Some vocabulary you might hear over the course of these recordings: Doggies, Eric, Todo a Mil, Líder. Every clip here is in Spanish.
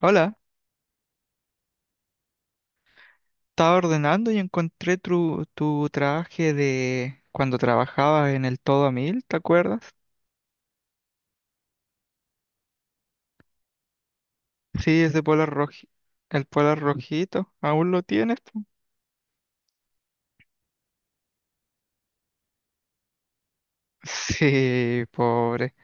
Hola, estaba ordenando y encontré tu traje de cuando trabajabas en el Todo a Mil, ¿te acuerdas? Sí, ese polar roji, el polar rojito, ¿aún lo tienes, po? Sí, pobre.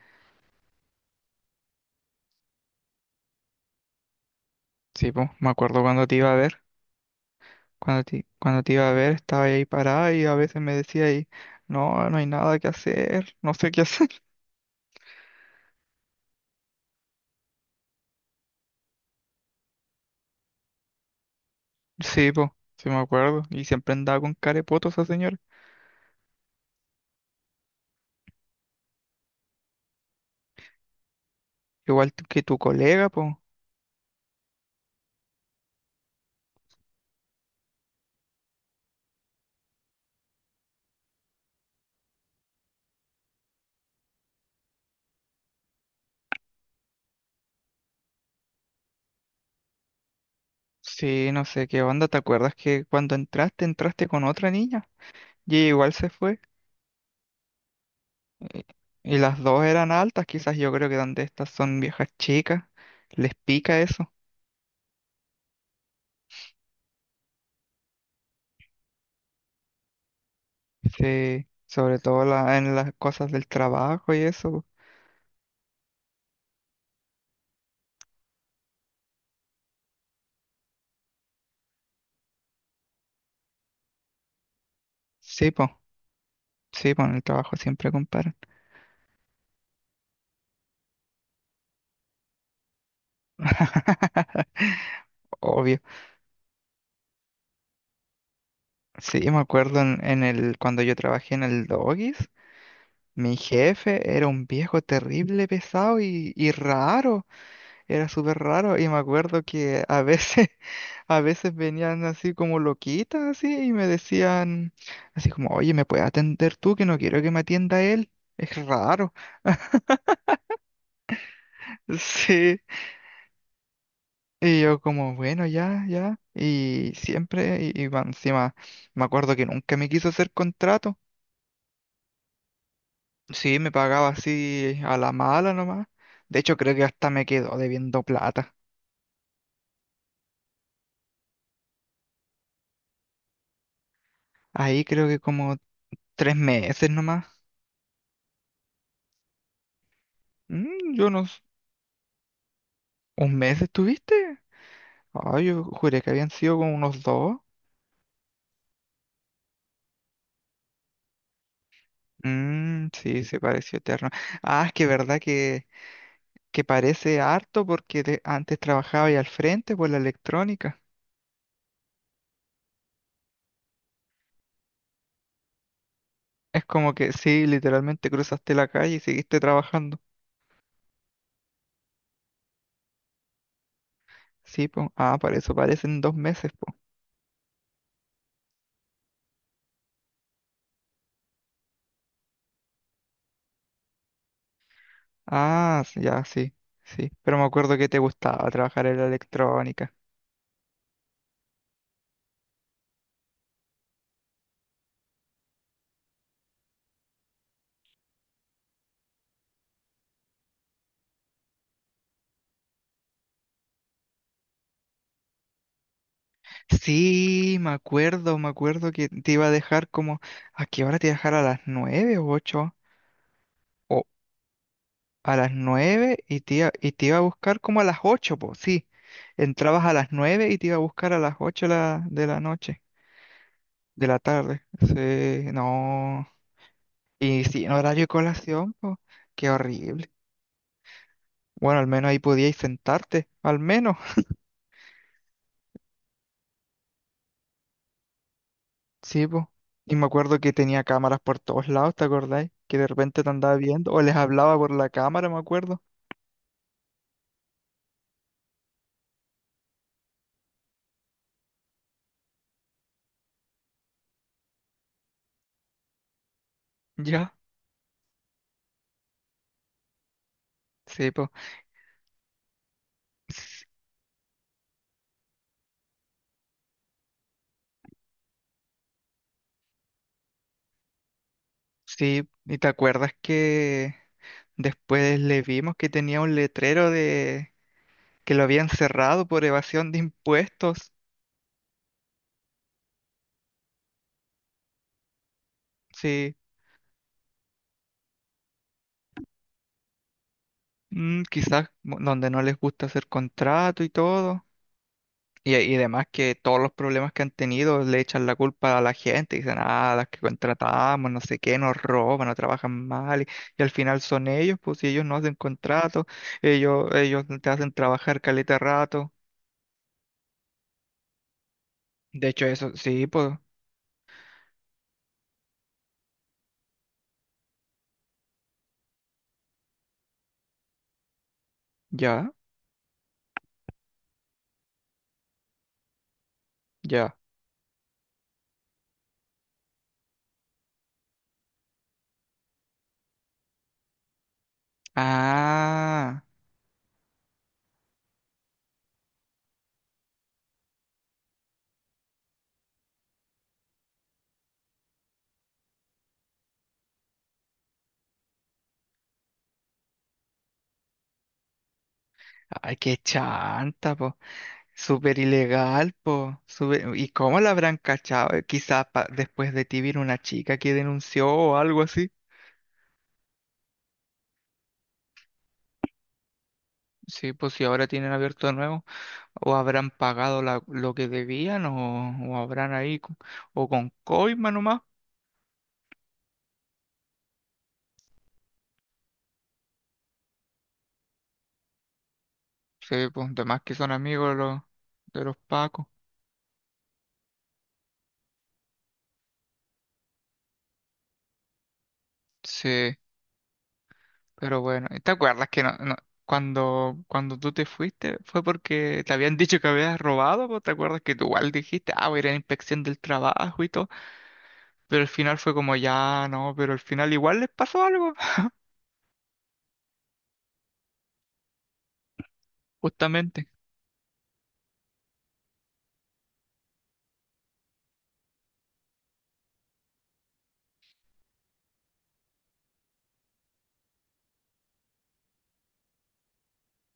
Sí, po, me acuerdo cuando te iba a ver, cuando te iba a ver estaba ahí parada y a veces me decía ahí, no, no hay nada que hacer, no sé qué hacer. Sí, po, sí me acuerdo, y siempre andaba con carepotos esa señora, igual que tu colega, po. Sí, no sé qué onda. ¿Te acuerdas que cuando entraste con otra niña? Y ella igual se fue. eh, Y las dos eran altas, quizás yo creo que donde estas son viejas chicas, les pica eso. Sí, sobre todo en las cosas del trabajo y eso, po. Sí, po, sí, po, en el trabajo siempre comparan. Obvio. Sí, me acuerdo cuando yo trabajé en el Doggies, mi jefe era un viejo terrible, pesado y raro. Era súper raro y me acuerdo que a veces, a veces venían así como loquitas así y me decían así como, oye, ¿me puedes atender tú? Que no quiero que me atienda él. Es raro. Sí. Y yo como, bueno, ya, ya. Y siempre, y más encima, me acuerdo que nunca me quiso hacer contrato. Sí, me pagaba así a la mala nomás. De hecho, creo que hasta me quedó debiendo plata. Ahí creo que como tres meses nomás. Mm, yo no... s- ¿un mes estuviste? Ah, yo juré que habían sido como unos dos. Mm, sí, se pareció eterno. Ah, es que verdad que parece harto porque antes trabajaba ahí al frente por la electrónica. Es como que sí, literalmente cruzaste la calle y seguiste trabajando. Sí, po. Ah, para eso parecen dos meses, po. Ya, sí, sí. Pero me acuerdo que te gustaba trabajar en la electrónica. Sí, me acuerdo que te iba a dejar como... ¿A qué hora te iba a dejar, a las nueve o ocho? A las 9 y te iba a buscar como a las ocho, pues sí. Entrabas a las 9 y te iba a buscar a las 8 de la noche, de la tarde. Sí, no. Y sin horario de colación, pues, qué horrible. Bueno, al menos ahí podíais sentarte, al menos. Sí, pues. Y me acuerdo que tenía cámaras por todos lados, ¿te acordáis? Que de repente te andaba viendo, o les hablaba por la cámara, me acuerdo. Ya, sí, pues. Sí, y te acuerdas que después le vimos que tenía un letrero de que lo habían cerrado por evasión de impuestos. Sí, mm, donde no les gusta hacer contrato y todo. Y además que todos los problemas que han tenido le echan la culpa a la gente. Dicen, ah, las que contratamos, no sé qué, nos roban, no trabajan mal. Y al final son ellos, pues si ellos no hacen contrato, ellos te hacen trabajar caleta rato. De hecho, eso, sí, pues, ya, ya. Ah. Ay, qué chanta, po. Súper ilegal, po. Súper- ¿y cómo la habrán cachado? Quizás después de ti vino una chica que denunció o algo así. Sí, pues si ahora tienen abierto de nuevo, o habrán pagado lo que debían, o habrán ahí, o con coima nomás. Sí, pues de más que son amigos los, de los pacos. Sí. Pero bueno, ¿y ¿te acuerdas que cuando, cuando tú te fuiste fue porque te habían dicho que habías robado, pues? ¿Te acuerdas que tú igual dijiste, ah, voy a ir a la inspección del trabajo y todo? Pero al final fue como, ya, no, pero al final igual les pasó algo, justamente.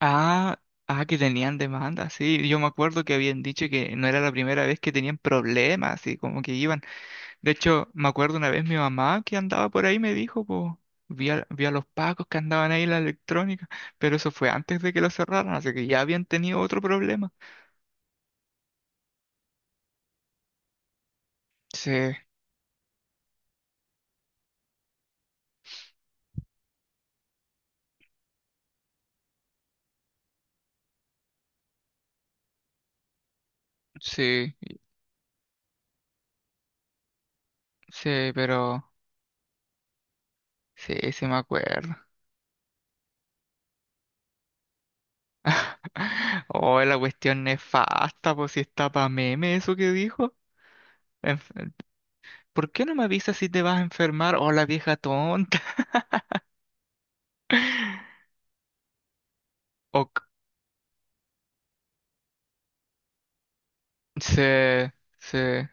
Ah, ah, que tenían demanda, sí. Yo me acuerdo que habían dicho que no era la primera vez que tenían problemas y como que iban. De hecho, me acuerdo una vez mi mamá que andaba por ahí me dijo, po, vi a los pacos que andaban ahí en la electrónica, pero eso fue antes de que lo cerraran, así que ya habían tenido otro problema. Sí, sí, sí, pero sí, sí me acuerdo. Oh, la cuestión nefasta, pues si está pa' meme eso que dijo. Enf- ¿por qué no me avisas si te vas a enfermar? Oh, la vieja tonta. Ok, sí, sí,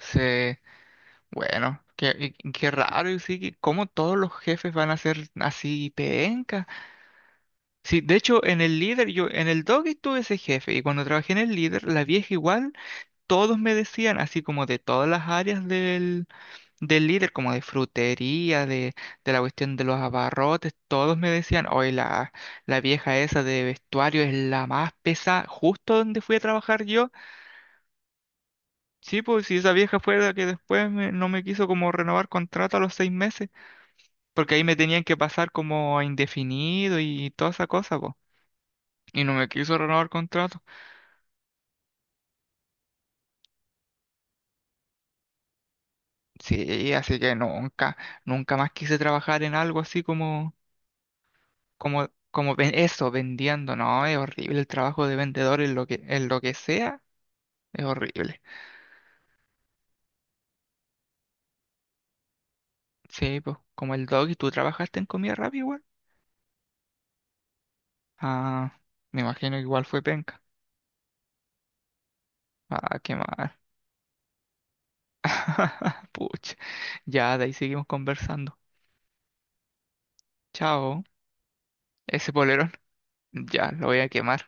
sí. Bueno, qué raro, y sí, que cómo todos los jefes van a ser así penca. Sí, de hecho, en el Doggy tuve ese jefe, y cuando trabajé en el líder, la vieja igual, todos me decían, así como de todas las áreas del líder, como de frutería, de la cuestión de los abarrotes, todos me decían, hoy la vieja esa de vestuario es la más pesada, justo donde fui a trabajar yo. Sí, pues si esa vieja fue la que después no me quiso como renovar contrato a los 6 meses. Porque ahí me tenían que pasar como a indefinido y toda esa cosa, po. Y no me quiso renovar contrato. Sí, así que nunca, nunca más quise trabajar en algo así como, eso, vendiendo. No, es horrible el trabajo de vendedor en en lo que sea, es horrible. Sí, pues, como el dog, y tú trabajaste en comida rápida igual. Ah, me imagino que igual fue penca. Ah, qué mal. Pucha. Ya, de ahí seguimos conversando. Chao. Ese polerón. Ya, lo voy a quemar.